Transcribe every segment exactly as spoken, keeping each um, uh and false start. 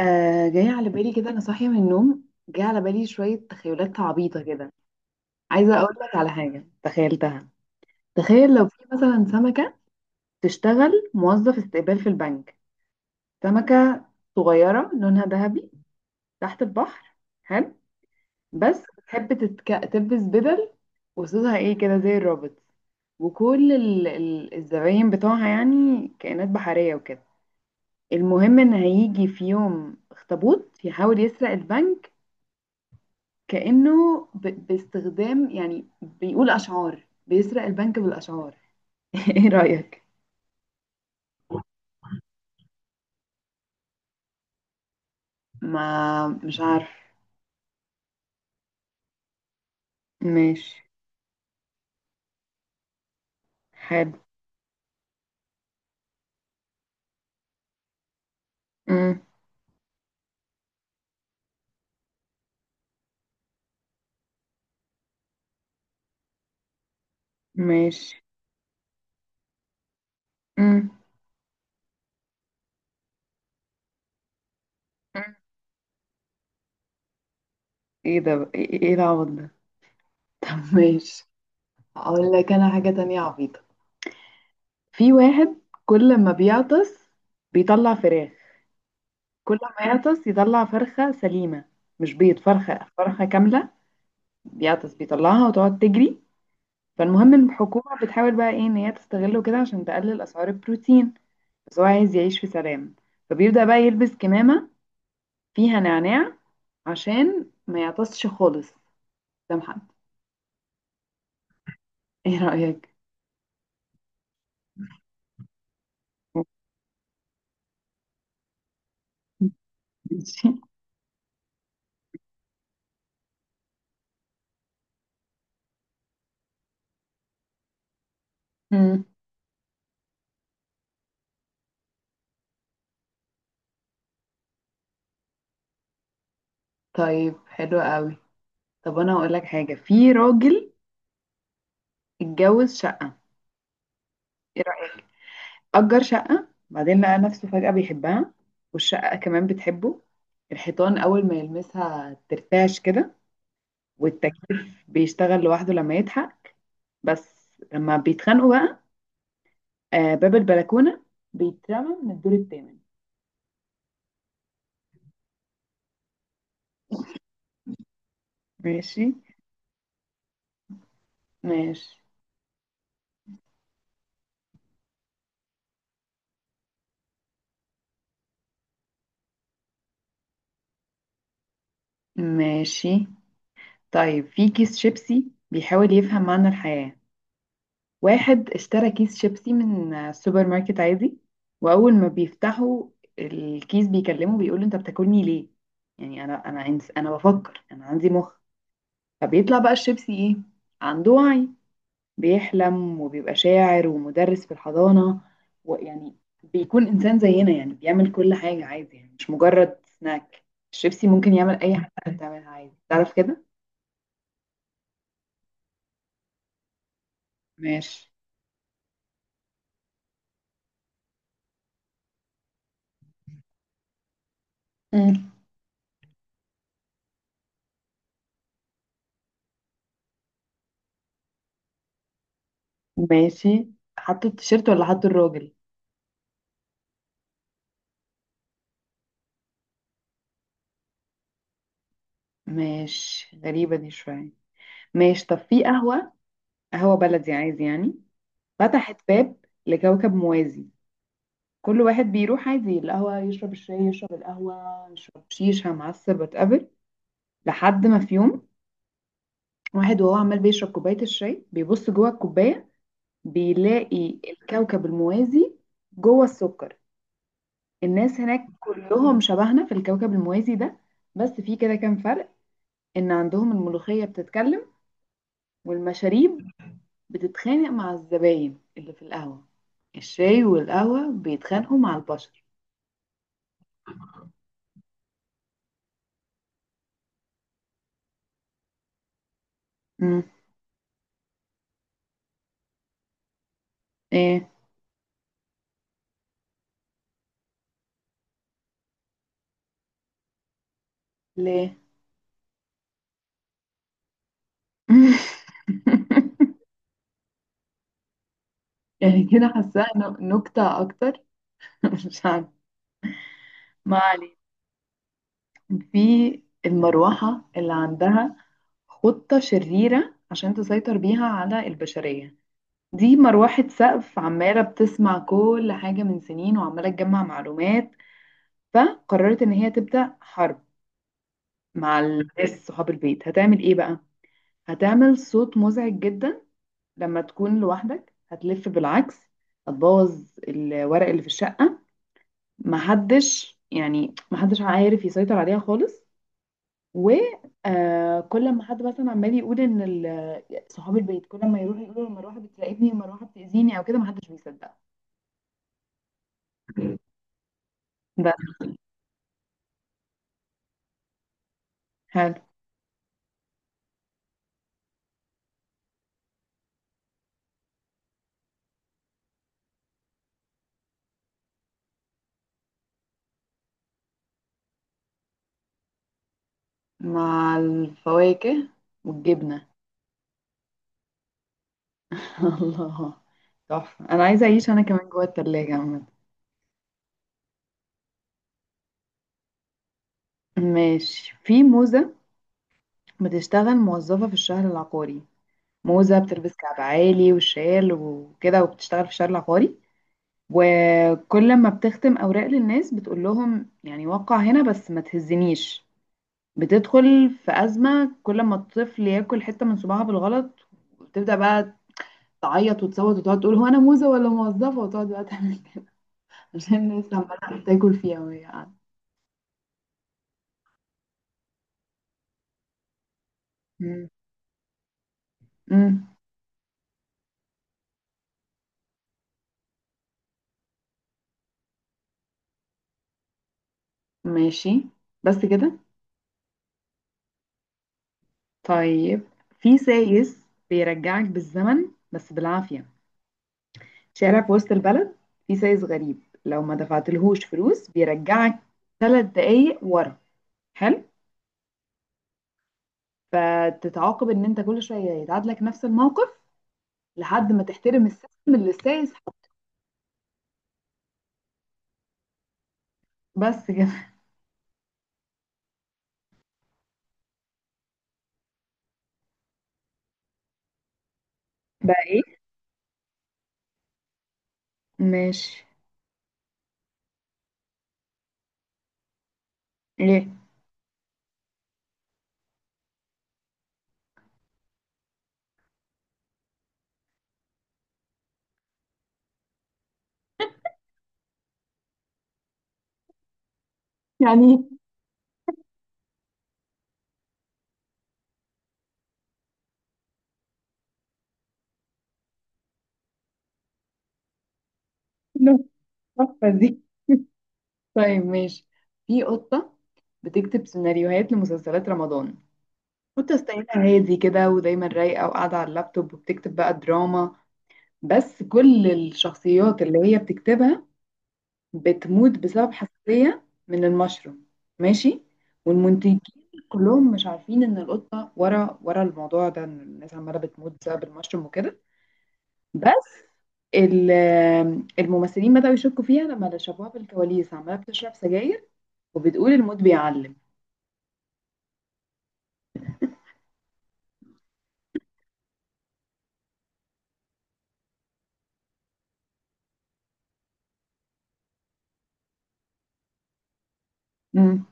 آه جاي على بالي كده، انا صاحيه من النوم جاي على بالي شويه تخيلات عبيطه كده. عايزه اقول لك على حاجه تخيلتها. تخيل لو في مثلا سمكه تشتغل موظف استقبال في البنك. سمكه صغيره لونها ذهبي تحت البحر. حلو. بس بتحب تتك... تلبس بدل وصوصها ايه كده زي الرابط. وكل ال... ال... الزباين بتوعها يعني كائنات بحريه وكده. المهم ان هيجي في يوم اخطبوط يحاول يسرق البنك، كأنه ب... باستخدام يعني بيقول أشعار، بيسرق البنك بالأشعار. ايه رأيك؟ ما مش عارف. ماشي. حلو. مم. ماشي. مم. مم. ايه ده بقى؟ ايه إيه العبط ده؟ طب ماشي، اقول لك انا حاجة تانية عبيطة. في واحد كل ما بيعطس بيطلع فراخ. كل ما يعطس يطلع فرخة سليمة، مش بيض، فرخة فرخة كاملة. بيعطس بيطلعها وتقعد تجري. فالمهم الحكومة بتحاول بقى ايه ان هي تستغله كده عشان تقلل اسعار البروتين. بس هو عايز يعيش في سلام، فبيبدأ بقى يلبس كمامة فيها نعناع عشان ما يعطسش خالص قدام حد. ايه رأيك؟ ماشي. مم. طيب حلو قوي. طب انا هقول لك حاجة. في راجل اتجوز شقة. ايه رأيك؟ أجر شقة، بعدين لقى نفسه فجأة بيحبها، والشقة كمان بتحبه. الحيطان أول ما يلمسها ترتعش كده، والتكييف بيشتغل لوحده لما يضحك. بس لما بيتخانقوا بقى، آه، باب البلكونة بيترمى من الدور الثامن. ماشي. ماشي. ماشي. طيب في كيس شيبسي بيحاول يفهم معنى الحياة. واحد اشترى كيس شيبسي من آه، السوبر ماركت عادي. وأول ما بيفتحوا الكيس بيكلمه، بيقول له أنت بتاكلني ليه؟ يعني أنا أنا إنس- أنا بفكر، أنا عندي مخ. فبيطلع بقى الشيبسي إيه؟ عنده وعي، بيحلم وبيبقى شاعر ومدرس في الحضانة، ويعني بيكون إنسان زينا، يعني بيعمل كل حاجة عادي، يعني مش مجرد سناك. الشيبسي ممكن يعمل أي حاجة بتعملها عادي، تعرف كده؟ ماشي. مم. ماشي. حطوا التيشيرت ولا حطوا الراجل؟ ماشي، غريبة دي شوية. ماشي، طب في قهوة، قهوة بلدي عادي يعني، فتحت باب لكوكب موازي. كل واحد بيروح عادي القهوة، يشرب الشاي، يشرب القهوة، يشرب شيشة معسل، وات ايفر. لحد ما في يوم واحد، وهو عمال بيشرب كوباية الشاي، بيبص جوه الكوباية بيلاقي الكوكب الموازي جوه السكر. الناس هناك كلهم شبهنا في الكوكب الموازي ده، بس في كده كام فرق، ان عندهم الملوخية بتتكلم، والمشاريب بتتخانق مع الزباين اللي في القهوة، الشاي والقهوة بيتخانقوا مع البشر. امم. ايه. ليه. يعني كده حاساها ن- نكتة اكتر. مش عارفة. ما علينا. في المروحة اللي عندها خطة شريرة عشان تسيطر بيها على البشرية. دي مروحة سقف عمالة بتسمع كل حاجة من سنين وعمالة تجمع معلومات. فقررت إن هي تبدأ حرب مع الناس صحاب البيت. هتعمل إيه بقى؟ هتعمل صوت مزعج جدا لما تكون لوحدك، هتلف بالعكس، هتبوظ الورق اللي في الشقة. محدش، يعني محدش عارف يسيطر عليها خالص. وكل ما حد مثلا عمال يقول ان ال- صحاب البيت كل ما يروح يقولوا المروحه بتراقبني، المروحه بتاذيني او كده، ما حدش بيصدق. بس. حلو. مع الفواكه والجبنه. الله، تحفه. انا عايزه اعيش انا كمان جوه التلاجة عامه. ماشي، في موزه بتشتغل موظفه في الشهر العقاري. موزه بتلبس كعب عالي وشال وكده وبتشتغل في الشهر العقاري، وكل ما بتختم أوراق للناس بتقول لهم يعني وقع هنا بس ما تهزنيش. بتدخل في أزمة كل ما الطفل ياكل حتة من صباعها بالغلط، وتبدأ بقى تعيط وتصوت وتقعد تقول هو أنا موزة ولا موظفة، وتقعد بقى تعمل كده. عشان الناس عمالة تاكل فيها وهي قاعدة. مم. مم. ماشي. بس كده. طيب في سايس بيرجعك بالزمن بس بالعافية. شارع في وسط البلد فيه سايس غريب، لو ما دفعتلهوش فلوس بيرجعك ثلاث دقايق ورا. حلو. فتتعاقب ان انت كل شويه يتعاد لك نفس الموقف لحد ما تحترم السيستم اللي السايس حاطه. بس كده. بقى ايه. ماشي. ايه. يعني إيه التحفه دي. طيب ماشي. في قطه بتكتب سيناريوهات لمسلسلات رمضان. قطه ستايلها هادي كده ودايما رايقه وقاعده على اللابتوب وبتكتب بقى دراما. بس كل الشخصيات اللي هي بتكتبها بتموت بسبب حساسية من المشروم. ماشي. والمنتجين كلهم مش عارفين ان القطة ورا ورا الموضوع ده، ان الناس عمالة بتموت بسبب المشروم وكده. بس ال- الممثلين بدأوا يشكوا فيها لما شافوها في الكواليس عمالة بتشرب سجاير وبتقول الموت بيعلم. مم.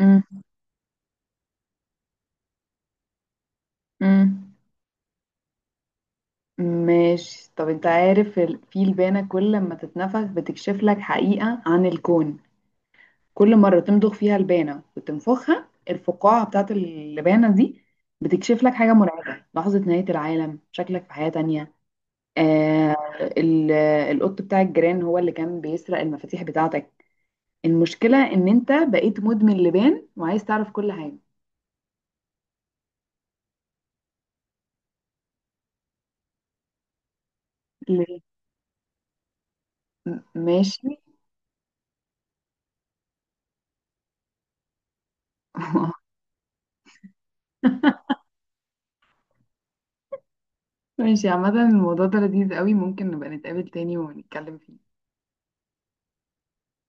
مم. مم. ماشي. طب انت عارف ال- في البانة كل لما تتنفخ بتكشف لك حقيقة عن الكون. كل مرة تمضغ فيها لبانة وتنفخها، الفقاعة بتاعت اللبانة دي بتكشف لك حاجة مرعبة، لحظة نهاية العالم، شكلك في حياة تانية. آه، ال- القط بتاع الجيران هو اللي كان بيسرق المفاتيح بتاعتك. المشكلة ان انت بقيت مدمن لبان وعايز تعرف كل حاجة. ليه؟ م- ماشي. ماشي، عامة الموضوع ده لذيذ قوي، ممكن نبقى نتقابل تاني ونتكلم فيه.